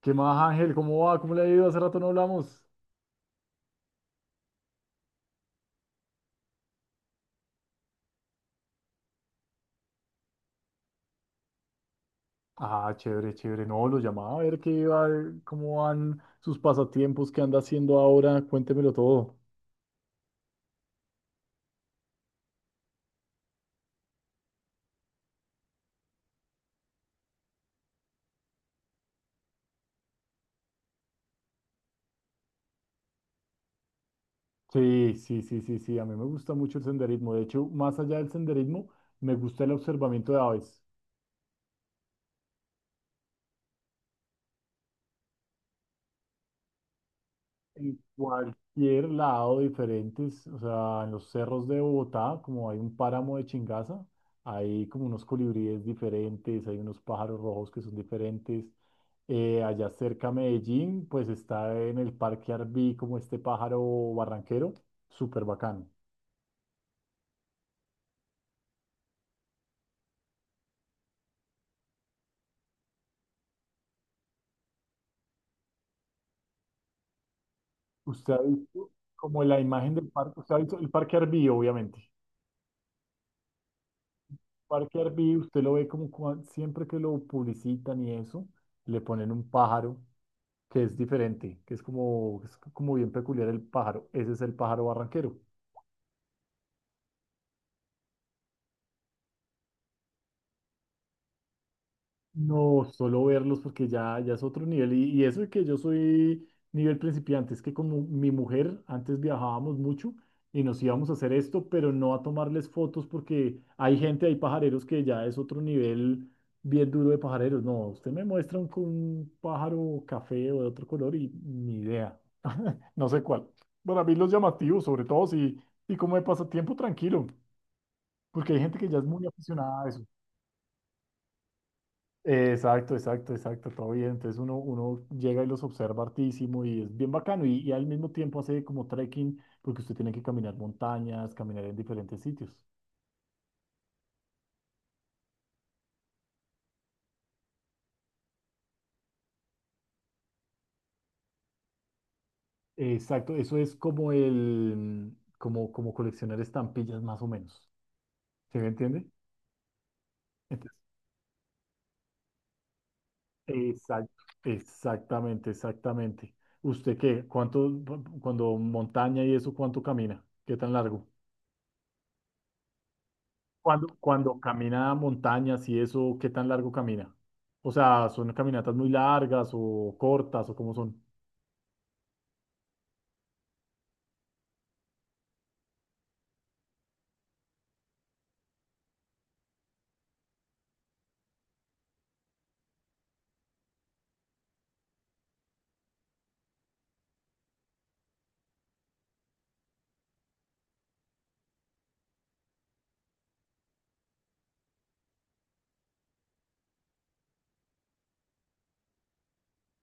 ¿Qué más, Ángel? ¿Cómo va? ¿Cómo le ha ido? Hace rato no hablamos. Ah, chévere, chévere. No, lo llamaba a ver qué va, cómo van sus pasatiempos, qué anda haciendo ahora. Cuéntemelo todo. Sí, sí, sí, sí, sí. A mí me gusta mucho el senderismo. De hecho, más allá del senderismo, me gusta el observamiento de aves. En cualquier lado diferentes, o sea, en los cerros de Bogotá, como hay un páramo de Chingaza, hay como unos colibríes diferentes, hay unos pájaros rojos que son diferentes. Allá cerca a Medellín, pues está en el Parque Arví como este pájaro barranquero, súper bacano. Usted ha visto como la imagen del parque, usted ha visto el Parque Arví, obviamente. Parque Arví, usted lo ve como siempre que lo publicitan y eso, le ponen un pájaro que es diferente, que es como bien peculiar el pájaro. Ese es el pájaro barranquero. No, solo verlos porque ya, ya es otro nivel. Y eso de que yo soy nivel principiante, es que como mi mujer, antes viajábamos mucho y nos íbamos a hacer esto, pero no a tomarles fotos porque hay gente, hay pajareros que ya es otro nivel bien duro de pajareros. No, usted me muestra un pájaro café o de otro color y ni idea. No sé cuál. Para mí los llamativos, sobre todo si, y como de pasatiempo tranquilo, porque hay gente que ya es muy aficionada a eso. Exacto, exacto, exacto, todo bien. Entonces uno llega y los observa hartísimo y es bien bacano y al mismo tiempo hace como trekking porque usted tiene que caminar montañas, caminar en diferentes sitios. Exacto, eso es como el, como, como coleccionar estampillas más o menos. ¿Se me entiende? Entonces, exacto, exactamente, exactamente. ¿Usted qué? ¿Cuánto, cuando montaña y eso, cuánto camina? ¿Qué tan largo? Cuando camina montañas y eso, ¿qué tan largo camina? O sea, ¿son caminatas muy largas o cortas o cómo son?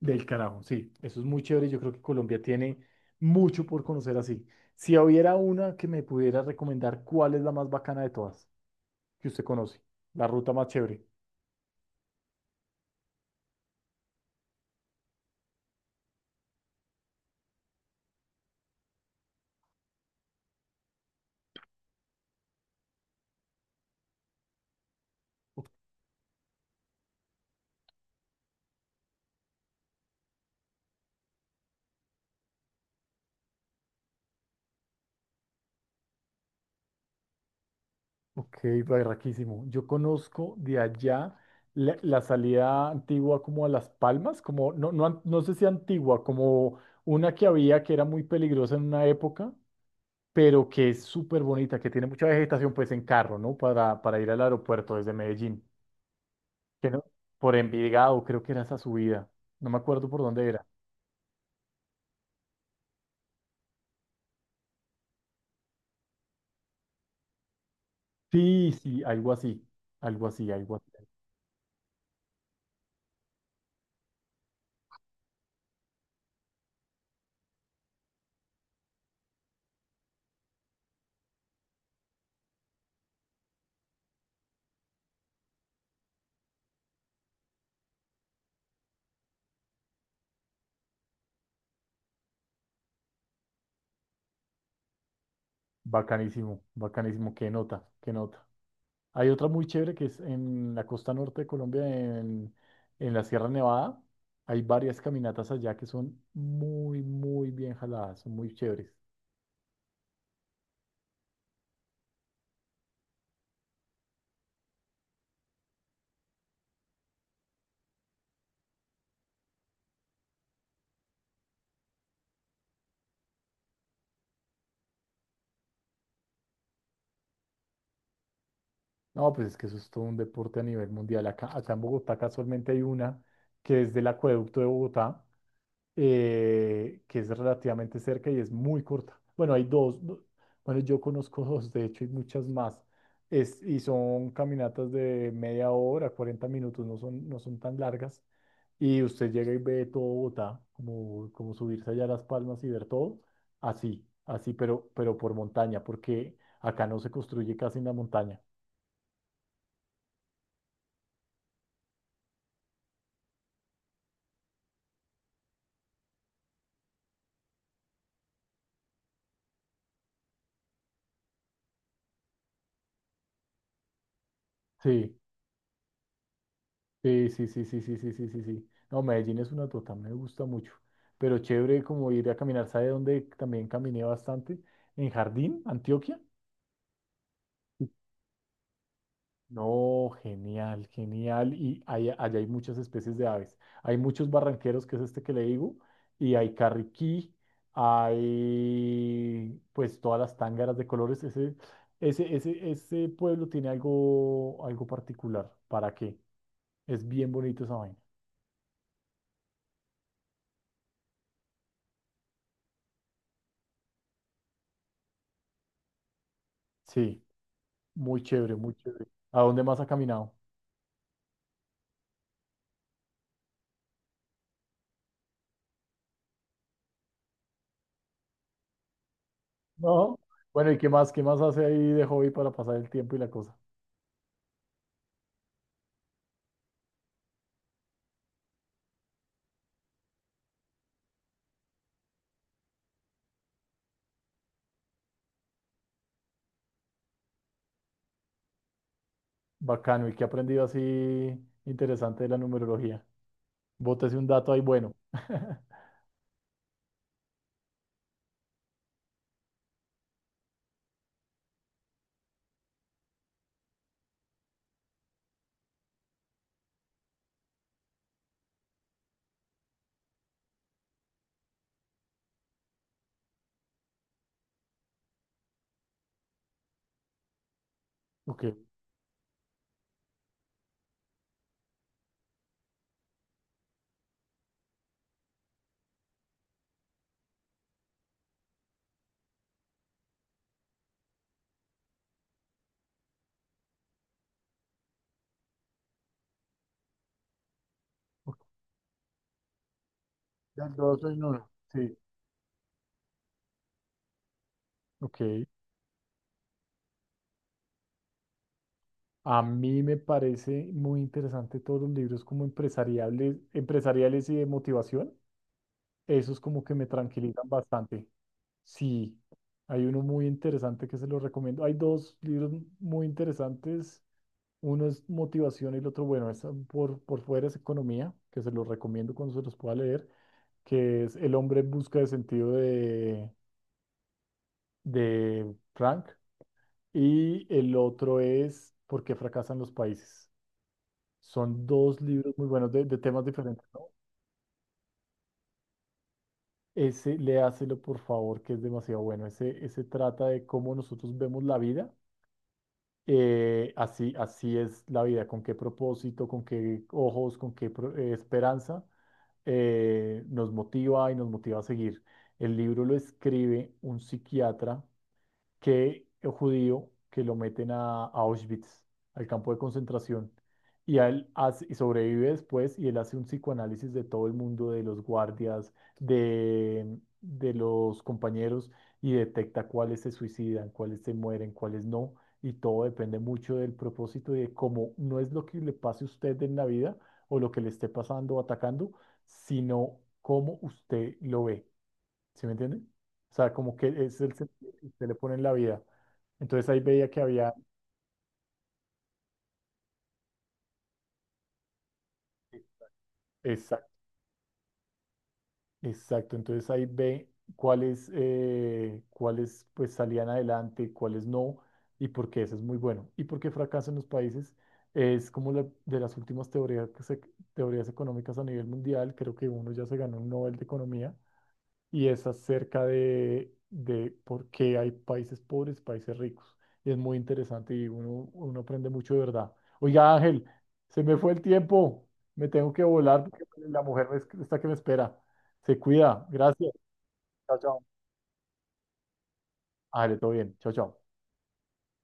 Del carajo, sí, eso es muy chévere. Yo creo que Colombia tiene mucho por conocer así. Si hubiera una que me pudiera recomendar, ¿cuál es la más bacana de todas que usted conoce? La ruta más chévere. Ok, barraquísimo. Yo conozco de allá la salida antigua como a Las Palmas, como no, no, no sé si antigua, como una que había que era muy peligrosa en una época pero que es súper bonita, que tiene mucha vegetación, pues en carro, ¿no? Para ir al aeropuerto desde Medellín, que no, por Envigado, creo que era esa subida, no me acuerdo por dónde era. Sí, sí, algo así, algo así, algo así. Bacanísimo, bacanísimo, qué nota, qué nota. Hay otra muy chévere que es en la costa norte de Colombia, en la Sierra Nevada. Hay varias caminatas allá que son muy, muy bien jaladas, son muy chéveres. No, pues es que eso es todo un deporte a nivel mundial. Acá, acá en Bogotá casualmente hay una que es del acueducto de Bogotá, que es relativamente cerca y es muy corta. Bueno, hay dos, bueno, yo conozco dos, de hecho, y muchas más. Es, y son caminatas de media hora, 40 minutos, no son, no son tan largas. Y usted llega y ve todo Bogotá, como, como subirse allá a Las Palmas y ver todo, así, así, pero por montaña, porque acá no se construye casi en la montaña. Sí. Sí, sí, sí, sí, sí, sí, sí, sí, sí. No, Medellín es una tota, me gusta mucho. Pero chévere como ir a caminar, ¿sabe dónde también caminé bastante? En Jardín, Antioquia. No, genial, genial. Y allá, allá hay muchas especies de aves. Hay muchos barranqueros, que es este que le digo, y hay carriquí, hay pues todas las tángaras de colores. Ese pueblo tiene algo, algo particular. ¿Para qué? Es bien bonito esa vaina. Sí. Muy chévere, muy chévere. ¿A dónde más ha caminado? No. Bueno, ¿y qué más? ¿Qué más hace ahí de hobby para pasar el tiempo y la cosa? Bacano. ¿Y qué ha aprendido así interesante de la numerología? Bótese un dato ahí bueno. Ok. Ok. Del dos en uno. Sí. Ok. A mí me parece muy interesante todos los libros como empresariales, empresariales y de motivación. Esos como que me tranquilizan bastante. Sí. Hay uno muy interesante que se lo recomiendo. Hay dos libros muy interesantes. Uno es motivación y el otro, bueno, es por fuera es economía, que se los recomiendo cuando se los pueda leer, que es El hombre en busca de sentido de Frank. Y el otro es ¿Por qué fracasan los países? Son dos libros muy buenos de temas diferentes, ¿no? Ese, léaselo por favor, que es demasiado bueno. Ese trata de cómo nosotros vemos la vida. Así, así es la vida, con qué propósito, con qué ojos, con qué esperanza. Nos motiva y nos motiva a seguir. El libro lo escribe un psiquiatra que el judío que lo meten a Auschwitz, al campo de concentración, y, y sobrevive después y él hace un psicoanálisis de todo el mundo, de los guardias, de los compañeros, y detecta cuáles se suicidan, cuáles se mueren, cuáles no, y todo depende mucho del propósito y de cómo no es lo que le pase a usted en la vida o lo que le esté pasando o atacando, sino cómo usted lo ve. ¿Sí me entiende? O sea, como que es el sentido que usted le pone en la vida. Entonces ahí veía que había... Exacto, exacto. Entonces ahí ve cuáles, cuáles pues salían adelante, cuáles no, y por qué eso es muy bueno. Y por qué fracasan los países es como de las últimas teorías, teorías económicas a nivel mundial. Creo que uno ya se ganó un Nobel de Economía y es acerca de por qué hay países pobres, países ricos. Y es muy interesante y uno aprende mucho de verdad. Oiga, Ángel, se me fue el tiempo. Me tengo que volar porque la mujer está que me espera. Se cuida. Gracias. Chao, chao. Ángel, todo bien. Chao, chao.